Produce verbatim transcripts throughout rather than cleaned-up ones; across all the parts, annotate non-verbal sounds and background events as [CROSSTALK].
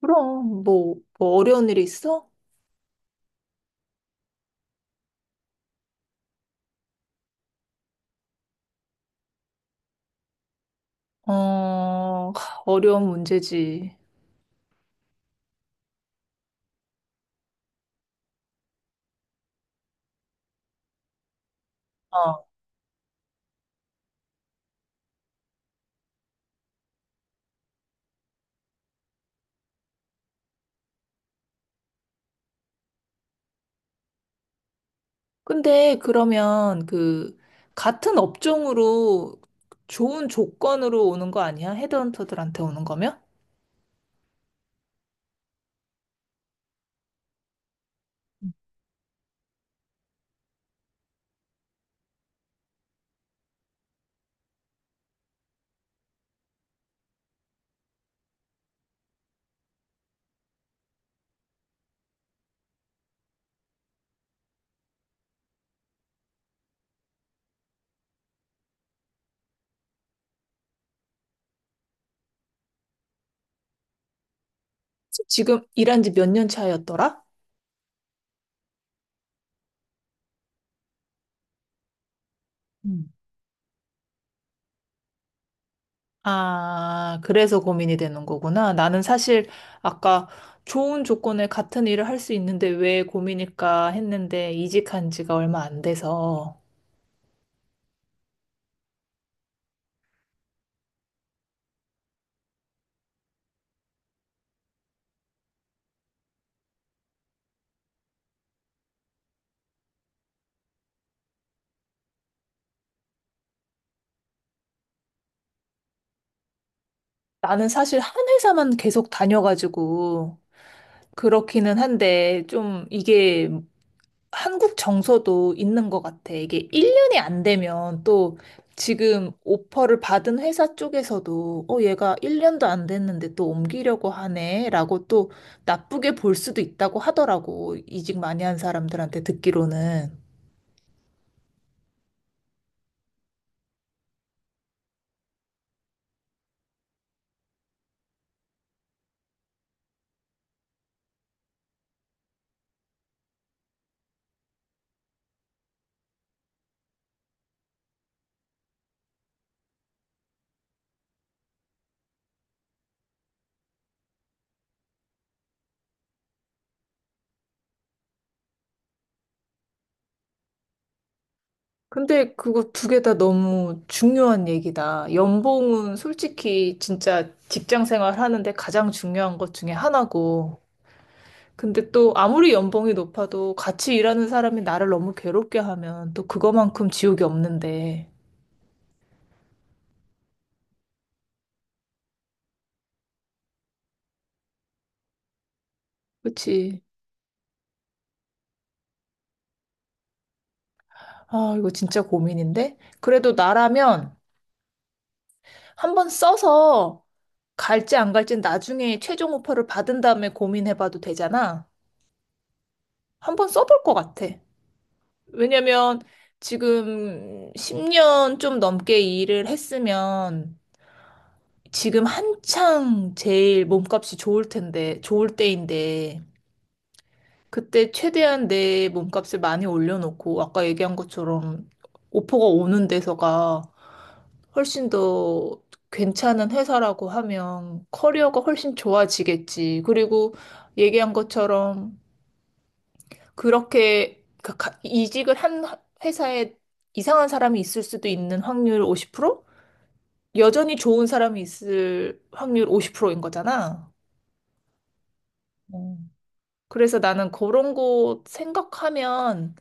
그럼, 뭐, 뭐 어려운 일이 있어? 어, 어려운 문제지. 어. 근데 그러면 그, 같은 업종으로 좋은 조건으로 오는 거 아니야? 헤드헌터들한테 오는 거면? 지금 일한 지 몇 년 차였더라? 음. 아, 그래서 고민이 되는 거구나. 나는 사실 아까 좋은 조건에 같은 일을 할 수 있는데 왜 고민일까 했는데 이직한 지가 얼마 안 돼서. 나는 사실 한 회사만 계속 다녀가지고 그렇기는 한데 좀 이게 한국 정서도 있는 것 같아. 이게 일 년이 안 되면 또 지금 오퍼를 받은 회사 쪽에서도 어, 얘가 일 년도 안 됐는데 또 옮기려고 하네 라고 또 나쁘게 볼 수도 있다고 하더라고. 이직 많이 한 사람들한테 듣기로는. 근데 그거 두 개 다 너무 중요한 얘기다. 연봉은 솔직히 진짜 직장 생활 하는데 가장 중요한 것 중에 하나고. 근데 또 아무리 연봉이 높아도 같이 일하는 사람이 나를 너무 괴롭게 하면 또 그거만큼 지옥이 없는데. 그치. 아, 이거 진짜 고민인데? 그래도 나라면 한번 써서 갈지 안 갈지 는 나중에 최종 오퍼를 받은 다음에 고민해봐도 되잖아. 한번 써볼 것 같아. 왜냐면 지금 십 년 좀 넘게 일을 했으면 지금 한창 제일 몸값이 좋을 텐데, 좋을 때인데, 그때 최대한 내 몸값을 많이 올려놓고, 아까 얘기한 것처럼 오퍼가 오는 데서가 훨씬 더 괜찮은 회사라고 하면 커리어가 훨씬 좋아지겠지. 그리고 얘기한 것처럼 그렇게 가- 가- 이직을 한 하- 회사에 이상한 사람이 있을 수도 있는 확률 오십 프로? 여전히 좋은 사람이 있을 확률 오십 프로인 거잖아. 어. 그래서 나는 그런 거 생각하면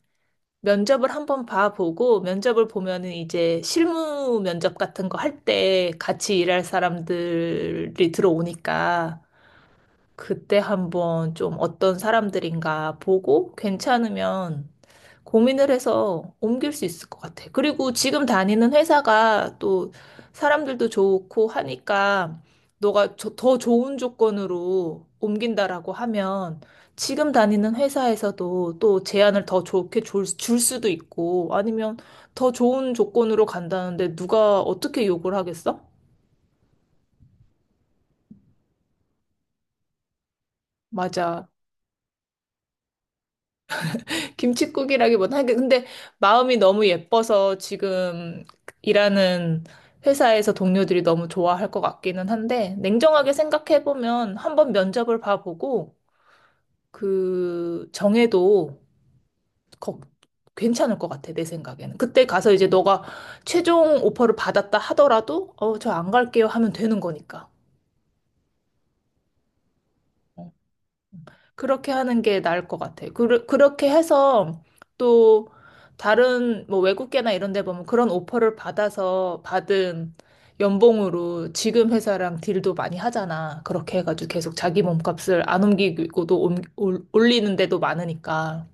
면접을 한번 봐보고 면접을 보면은 이제 실무 면접 같은 거 할 때 같이 일할 사람들이 들어오니까 그때 한번 좀 어떤 사람들인가 보고 괜찮으면 고민을 해서 옮길 수 있을 것 같아. 그리고 지금 다니는 회사가 또 사람들도 좋고 하니까 너가 저- 더 좋은 조건으로 옮긴다라고 하면 지금 다니는 회사에서도 또 제안을 더 좋게 줄, 줄 수도 있고 아니면 더 좋은 조건으로 간다는데 누가 어떻게 욕을 하겠어? 맞아. 김칫국이라기보다 하긴 근데 마음이 너무 예뻐서 지금 일하는 회사에서 동료들이 너무 좋아할 것 같기는 한데 냉정하게 생각해 보면 한번 면접을 봐보고 그 정해도 거- 괜찮을 것 같아 내 생각에는 그때 가서 이제 너가 최종 오퍼를 받았다 하더라도 어 저 안 갈게요 하면 되는 거니까. 어. 그렇게 하는 게 나을 것 같아. 그, 그렇게 해서 또 다른 뭐 외국계나 이런 데 보면 그런 오퍼를 받아서 받은 연봉으로 지금 회사랑 딜도 많이 하잖아. 그렇게 해가지고 계속 자기 몸값을 안 옮기고도 옮- 올- 올리는 데도 많으니까.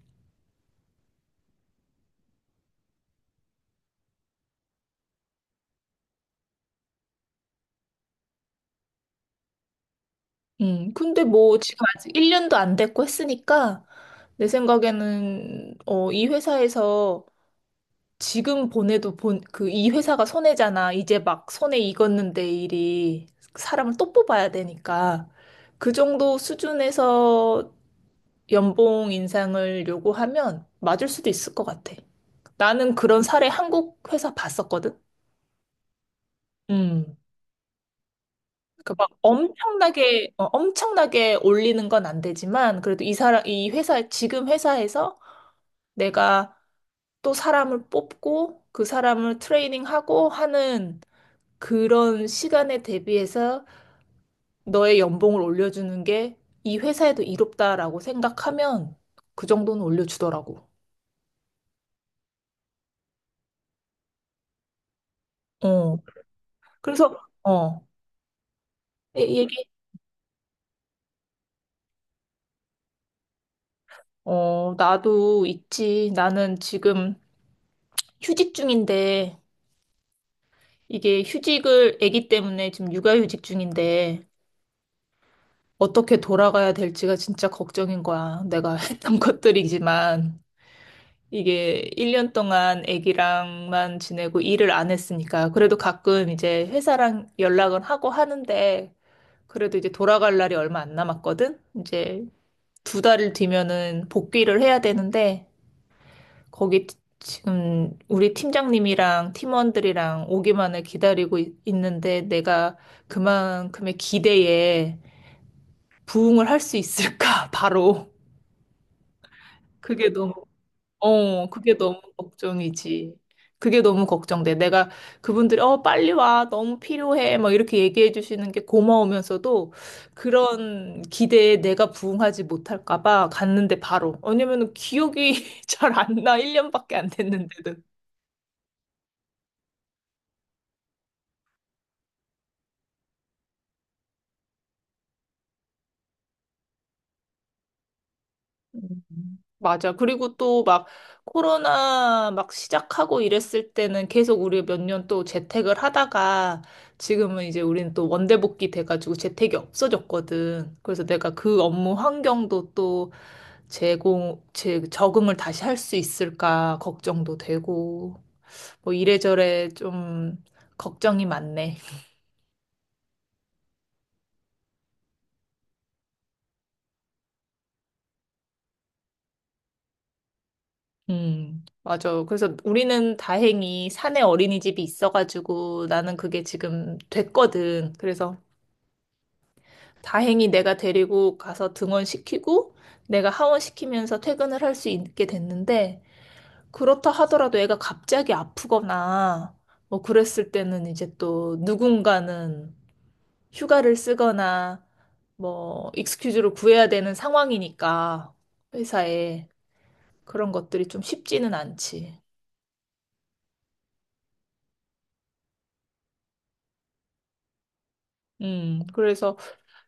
음, 근데 뭐 지금 아직 일 년도 안 됐고 했으니까 내 생각에는 어, 이 회사에서 지금 보내도 본, 그, 이 회사가 손해잖아. 이제 막 손에 익었는데 일이 사람을 또 뽑아야 되니까. 그 정도 수준에서 연봉 인상을 요구하면 맞을 수도 있을 것 같아. 나는 그런 사례 한국 회사 봤었거든. 음. 그러니까 막 엄청나게 어, 엄청나게 올리는 건 안 되지만 그래도 이 사람 이 회사 지금 회사에서 내가 또 사람을 뽑고 그 사람을 트레이닝하고 하는 그런 시간에 대비해서 너의 연봉을 올려주는 게 이 회사에도 이롭다라고 생각하면 그 정도는 올려주더라고. 어. 그래서, 어, 얘- 얘기, 어, 나도 있지. 나는 지금 휴직 중인데, 이게 휴직을, 아기 때문에 지금 육아휴직 중인데, 어떻게 돌아가야 될지가 진짜 걱정인 거야. 내가 [LAUGHS] 했던 것들이지만. 이게 일 년 동안 아기랑만 지내고 일을 안 했으니까 그래도 가끔 이제 회사랑 연락은 하고 하는데 그래도 이제 돌아갈 날이 얼마 안 남았거든. 이제 두 달을 뒤면은 복귀를 해야 되는데 거기 지- 지금 우리 팀장님이랑 팀원들이랑 오기만을 기다리고 있- 있는데 내가 그만큼의 기대에 부응을 할 수 있을까? [LAUGHS] 바로 그게 어, 그게 너무 걱정이지. 그게 너무 걱정돼. 내가 그분들이, 어, 빨리 와. 너무 필요해. 막 이렇게 얘기해 주시는 게 고마우면서도 그런 기대에 내가 부응하지 못할까 봐 갔는데 바로. 왜냐면 기억이 [LAUGHS] 잘 안 나. 일 년밖에 안 됐는데도. 음. 맞아. 그리고 또 막 코로나 막 시작하고 이랬을 때는 계속 우리 몇 년 또 재택을 하다가 지금은 이제 우리는 또 원대복귀 돼가지고 재택이 없어졌거든. 그래서 내가 그 업무 환경도 또 제공, 제 적응을 다시 할 수 있을까 걱정도 되고 뭐 이래저래 좀 걱정이 많네. 음, 맞아. 그래서 우리는 다행히 산에 어린이집이 있어가지고 나는 그게 지금 됐거든. 그래서 다행히 내가 데리고 가서 등원시키고 내가 하원시키면서 퇴근을 할 수 있게 됐는데 그렇다 하더라도 애가 갑자기 아프거나 뭐 그랬을 때는 이제 또 누군가는 휴가를 쓰거나 뭐 익스큐즈를 구해야 되는 상황이니까 회사에 그런 것들이 좀 쉽지는 않지. 음, 그래서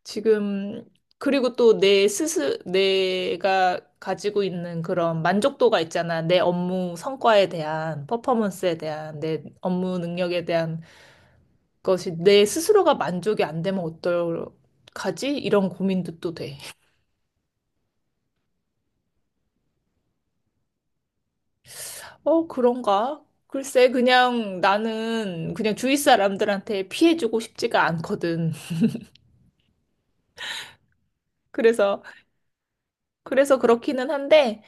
지금, 그리고 또 내 스스, 내가 가지고 있는 그런 만족도가 있잖아. 내 업무 성과에 대한, 퍼포먼스에 대한, 내 업무 능력에 대한 것이 내 스스로가 만족이 안 되면 어떡하지? 이런 고민도 또 돼. [LAUGHS] 어, 그런가? 글쎄, 그냥 나는 그냥 주위 사람들한테 피해주고 싶지가 않거든. [LAUGHS] 그래서, 그래서, 그렇기는 한데,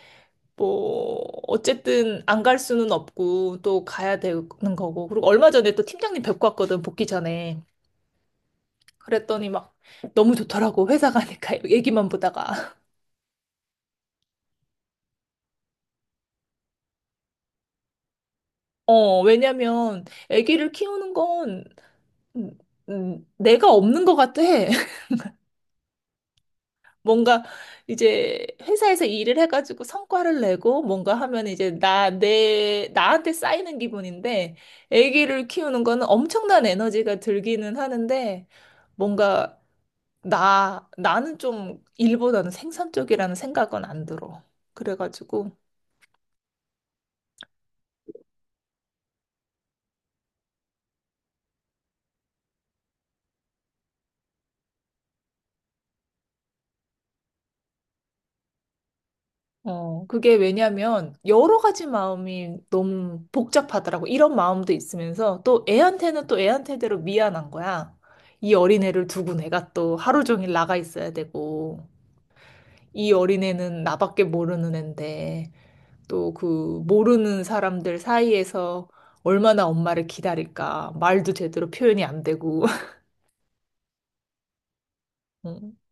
뭐 어쨌든 안 갈 수는 없고 또 가야 되는 거고 그리고 얼마 전에 또 팀장님 뵙고 왔거든 복귀 전에 그랬더니 막 너무 좋더라고 회사 가니까 [LAUGHS] 얘기만 보다가 어 왜냐면 아기를 키우는 건 음, 음, 내가 없는 것 같아 [LAUGHS] 뭔가 이제 회사에서 일을 해가지고 성과를 내고 뭔가 하면 이제 나 내 나한테 쌓이는 기분인데 아기를 키우는 거는 엄청난 에너지가 들기는 하는데 뭔가 나, 나는 좀 일보다는 생산적이라는 생각은 안 들어. 그래가지고, 어, 그게 왜냐면 여러 가지 마음이 너무 복잡하더라고. 이런 마음도 있으면서 또 애한테는 또 애한테대로 미안한 거야. 이 어린애를 두고 내가 또 하루 종일 나가 있어야 되고, 이 어린애는 나밖에 모르는 앤데, 또 그 모르는 사람들 사이에서 얼마나 엄마를 기다릴까. 말도 제대로 표현이 안 되고. [LAUGHS]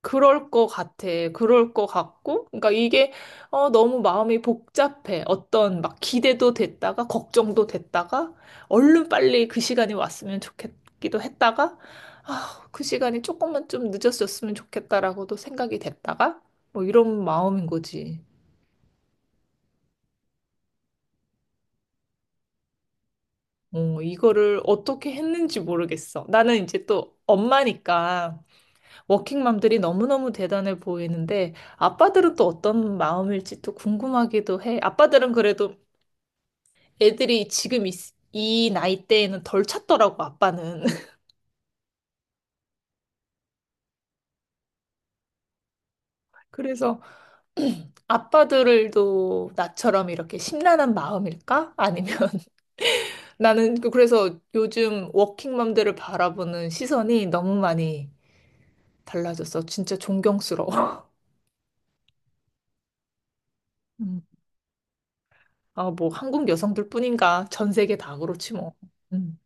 그럴 것 같아. 그럴 것 같고. 그러니까 이게 어, 너무 마음이 복잡해. 어떤 막 기대도 됐다가 걱정도 됐다가 얼른 빨리 그 시간이 왔으면 좋겠기도 했다가 아, 그 시간이 조금만 좀 늦었었으면 좋겠다라고도 생각이 됐다가 뭐 이런 마음인 거지. 어, 이거를 어떻게 했는지 모르겠어. 나는 이제 또 엄마니까 워킹맘들이 너무너무 대단해 보이는데 아빠들은 또 어떤 마음일지 또 궁금하기도 해. 아빠들은 그래도 애들이 지금 이, 이 나이대에는 덜 찾더라고, 아빠는. [LAUGHS] 그래서 아빠들도 나처럼 이렇게 심란한 마음일까? 아니면 [LAUGHS] 나는 그- 그래서 요즘 워킹맘들을 바라보는 시선이 너무 많이 달라졌어. 진짜 존경스러워. [LAUGHS] 음. 아, 뭐 한국 여성들뿐인가? 전 세계 다 그렇지 뭐. 음.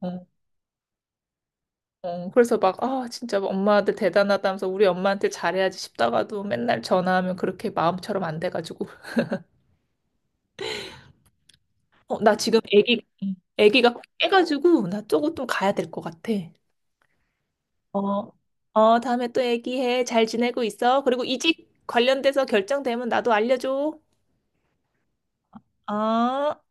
어. 어, 그래서 막, 아, 진짜 엄마한테 대단하다면서 우리 엄마한테 잘해야지 싶다가도 맨날 전화하면 그렇게 마음처럼 안 돼가지고. 어, 나 지금 애기, 애기가 깨가지고 나 조금 좀 가야 될 것 같아. 어, 어, 다음에 또 얘기해. 잘 지내고 있어. 그리고 이직 관련돼서 결정되면 나도 알려줘. 어.